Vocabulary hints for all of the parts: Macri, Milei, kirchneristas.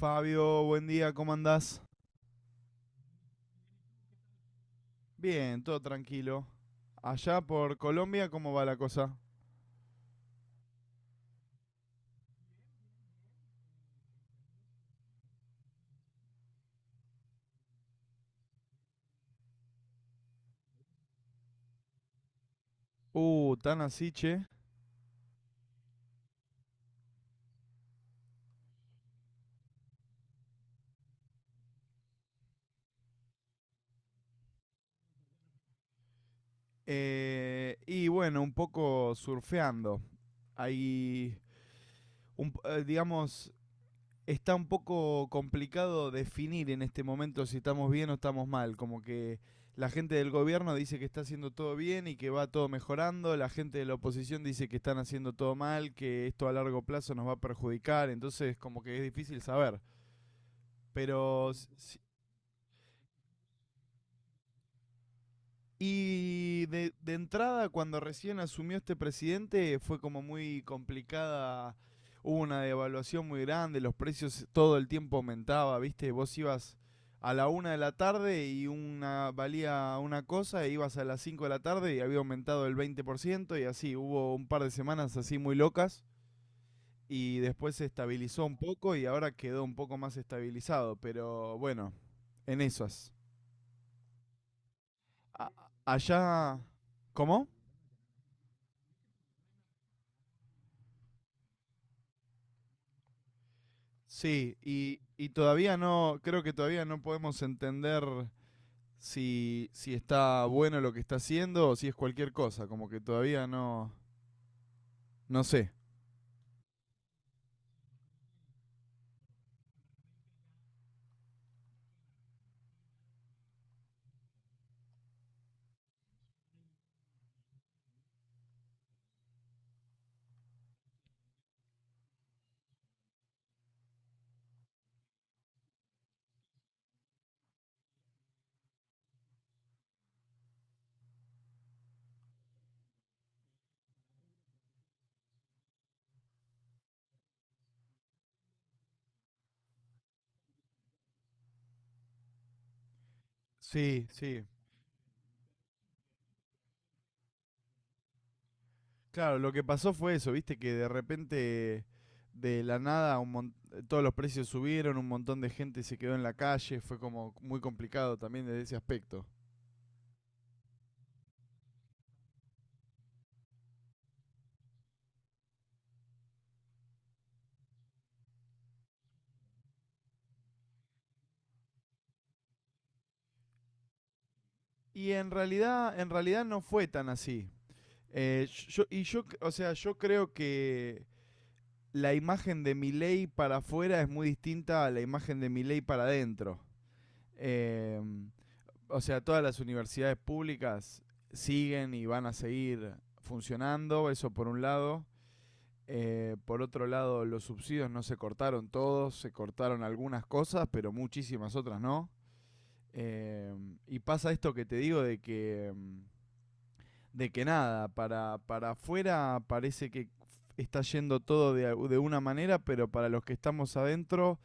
Fabio, buen día, ¿cómo andás? Bien, todo tranquilo. Allá por Colombia, ¿cómo va la cosa? Tan así, che. Y bueno, un poco surfeando. Hay, un digamos, está un poco complicado definir en este momento si estamos bien o estamos mal. Como que la gente del gobierno dice que está haciendo todo bien y que va todo mejorando. La gente de la oposición dice que están haciendo todo mal, que esto a largo plazo nos va a perjudicar. Entonces, como que es difícil saber. Pero. Y de entrada, cuando recién asumió este presidente, fue como muy complicada. Hubo una devaluación muy grande, los precios todo el tiempo aumentaba, ¿viste? Vos ibas a la 1 de la tarde y una valía una cosa, e ibas a las 5 de la tarde y había aumentado el 20% y así. Hubo un par de semanas así muy locas y después se estabilizó un poco y ahora quedó un poco más estabilizado, pero bueno, en esas. a- Allá... ¿Cómo? Sí, y todavía no, creo que todavía no podemos entender si, si está bueno lo que está haciendo o si es cualquier cosa, como que todavía no, no sé. Sí, sí. Claro, lo que pasó fue eso, viste, que de repente, de la nada, todos los precios subieron, un montón de gente se quedó en la calle, fue como muy complicado también desde ese aspecto. Y en realidad no fue tan así. O sea, yo creo que la imagen de Milei para afuera es muy distinta a la imagen de Milei para adentro. Eh, o sea, todas las universidades públicas siguen y van a seguir funcionando, eso por un lado. Por otro lado, los subsidios no se cortaron todos, se cortaron algunas cosas, pero muchísimas otras no. Eh, y pasa esto que te digo de que nada, para afuera parece que está yendo todo de una manera, pero para los que estamos adentro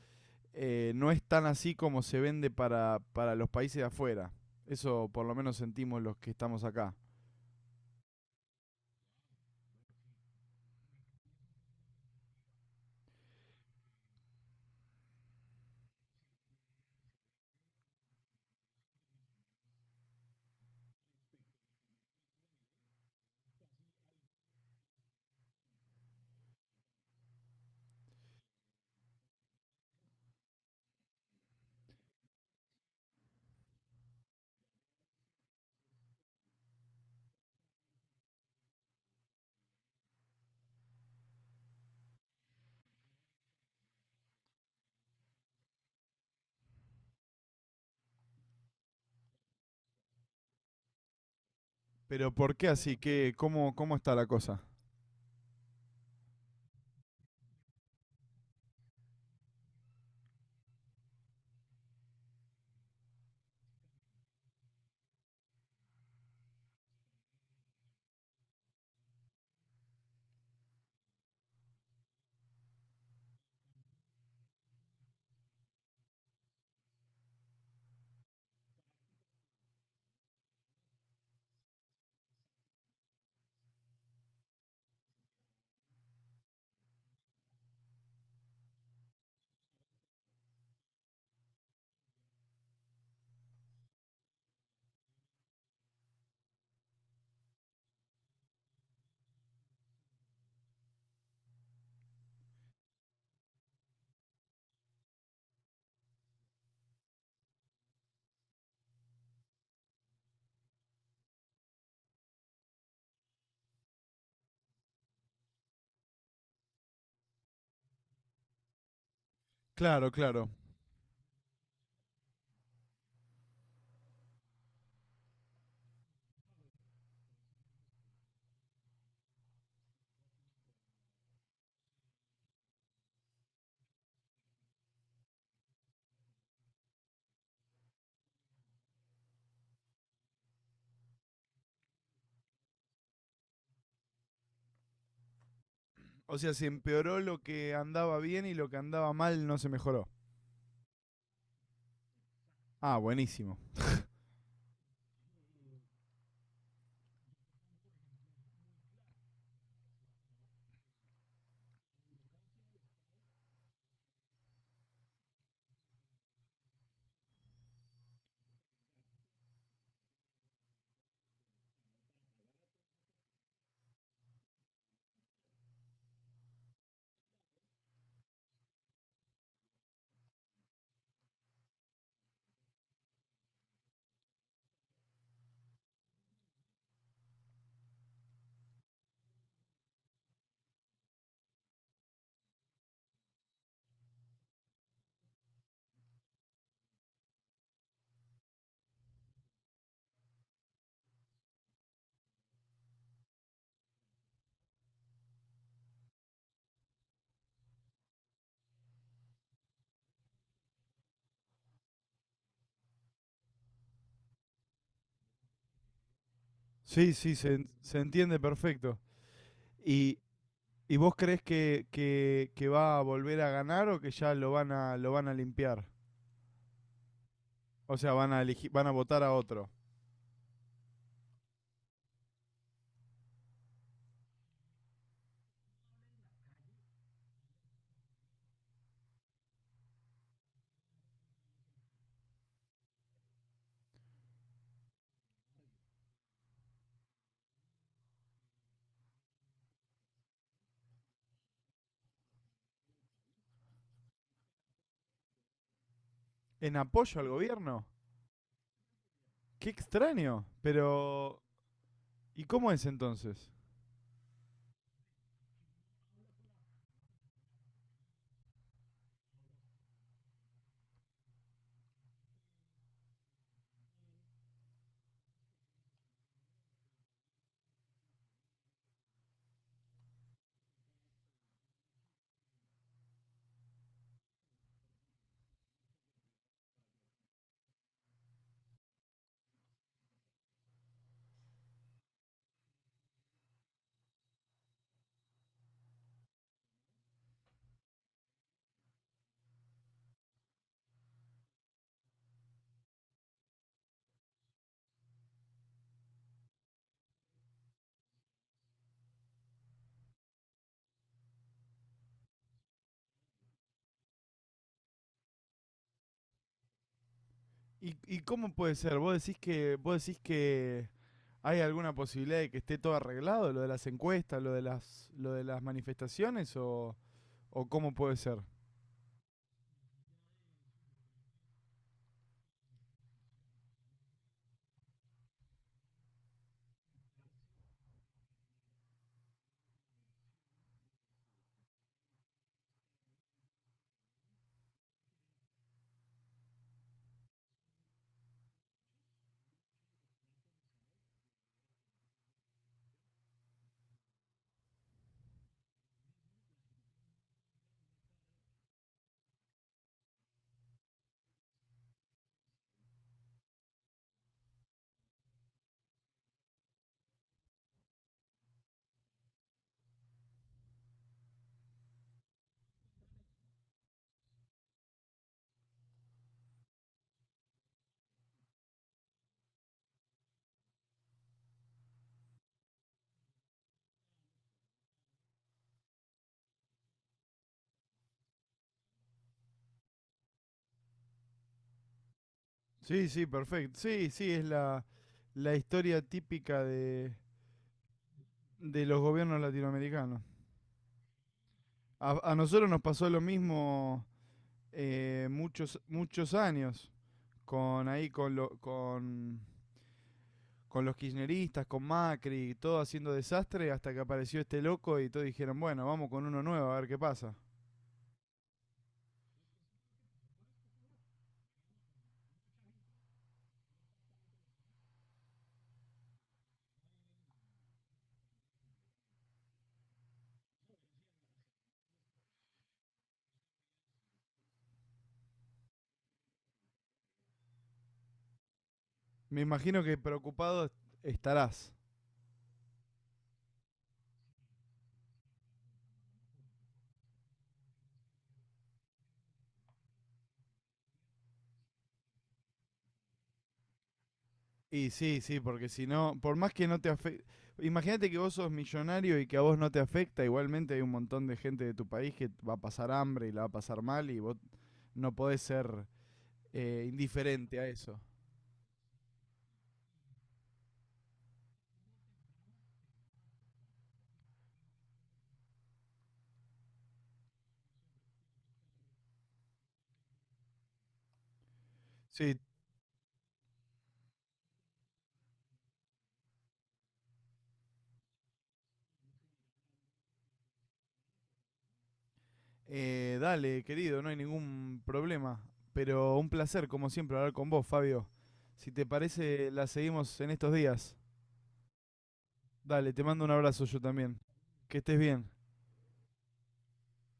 no es tan así como se vende para los países de afuera. Eso por lo menos sentimos los que estamos acá. Pero ¿por qué así? ¿Qué, cómo? ¿Cómo está la cosa? Claro, claro. O sea, se empeoró lo que andaba bien y lo que andaba mal no se mejoró. Ah, buenísimo. Sí, sí, se entiende perfecto. ¿Y, y vos crees que, que va a volver a ganar o que ya lo van a limpiar? O sea, van a, elegir, van a votar a otro. ¿En apoyo al gobierno? Qué extraño. Pero, ¿y cómo es entonces? Y cómo puede ser? Vos decís que hay alguna posibilidad de que esté todo arreglado, lo de las encuestas, lo de las manifestaciones o... ¿O cómo puede ser? Sí, sí, perfecto. Sí, sí, es la, la historia típica de los gobiernos latinoamericanos. A nosotros nos pasó lo mismo muchos, muchos años con ahí con los kirchneristas, con Macri, todo haciendo desastre hasta que apareció este loco y todos dijeron, bueno, vamos con uno nuevo a ver qué pasa. Me imagino que preocupado estarás. Y sí, sí, porque si no, por más que no te afecte, imagínate que vos sos millonario y que a vos no te afecta, igualmente hay un montón de gente de tu país que va a pasar hambre y la va a pasar mal y vos no podés ser indiferente a eso. Sí, dale, querido, no hay ningún problema, pero un placer, como siempre, hablar con vos, Fabio. Si te parece, la seguimos en estos días. Dale, te mando un abrazo yo también. Que estés bien.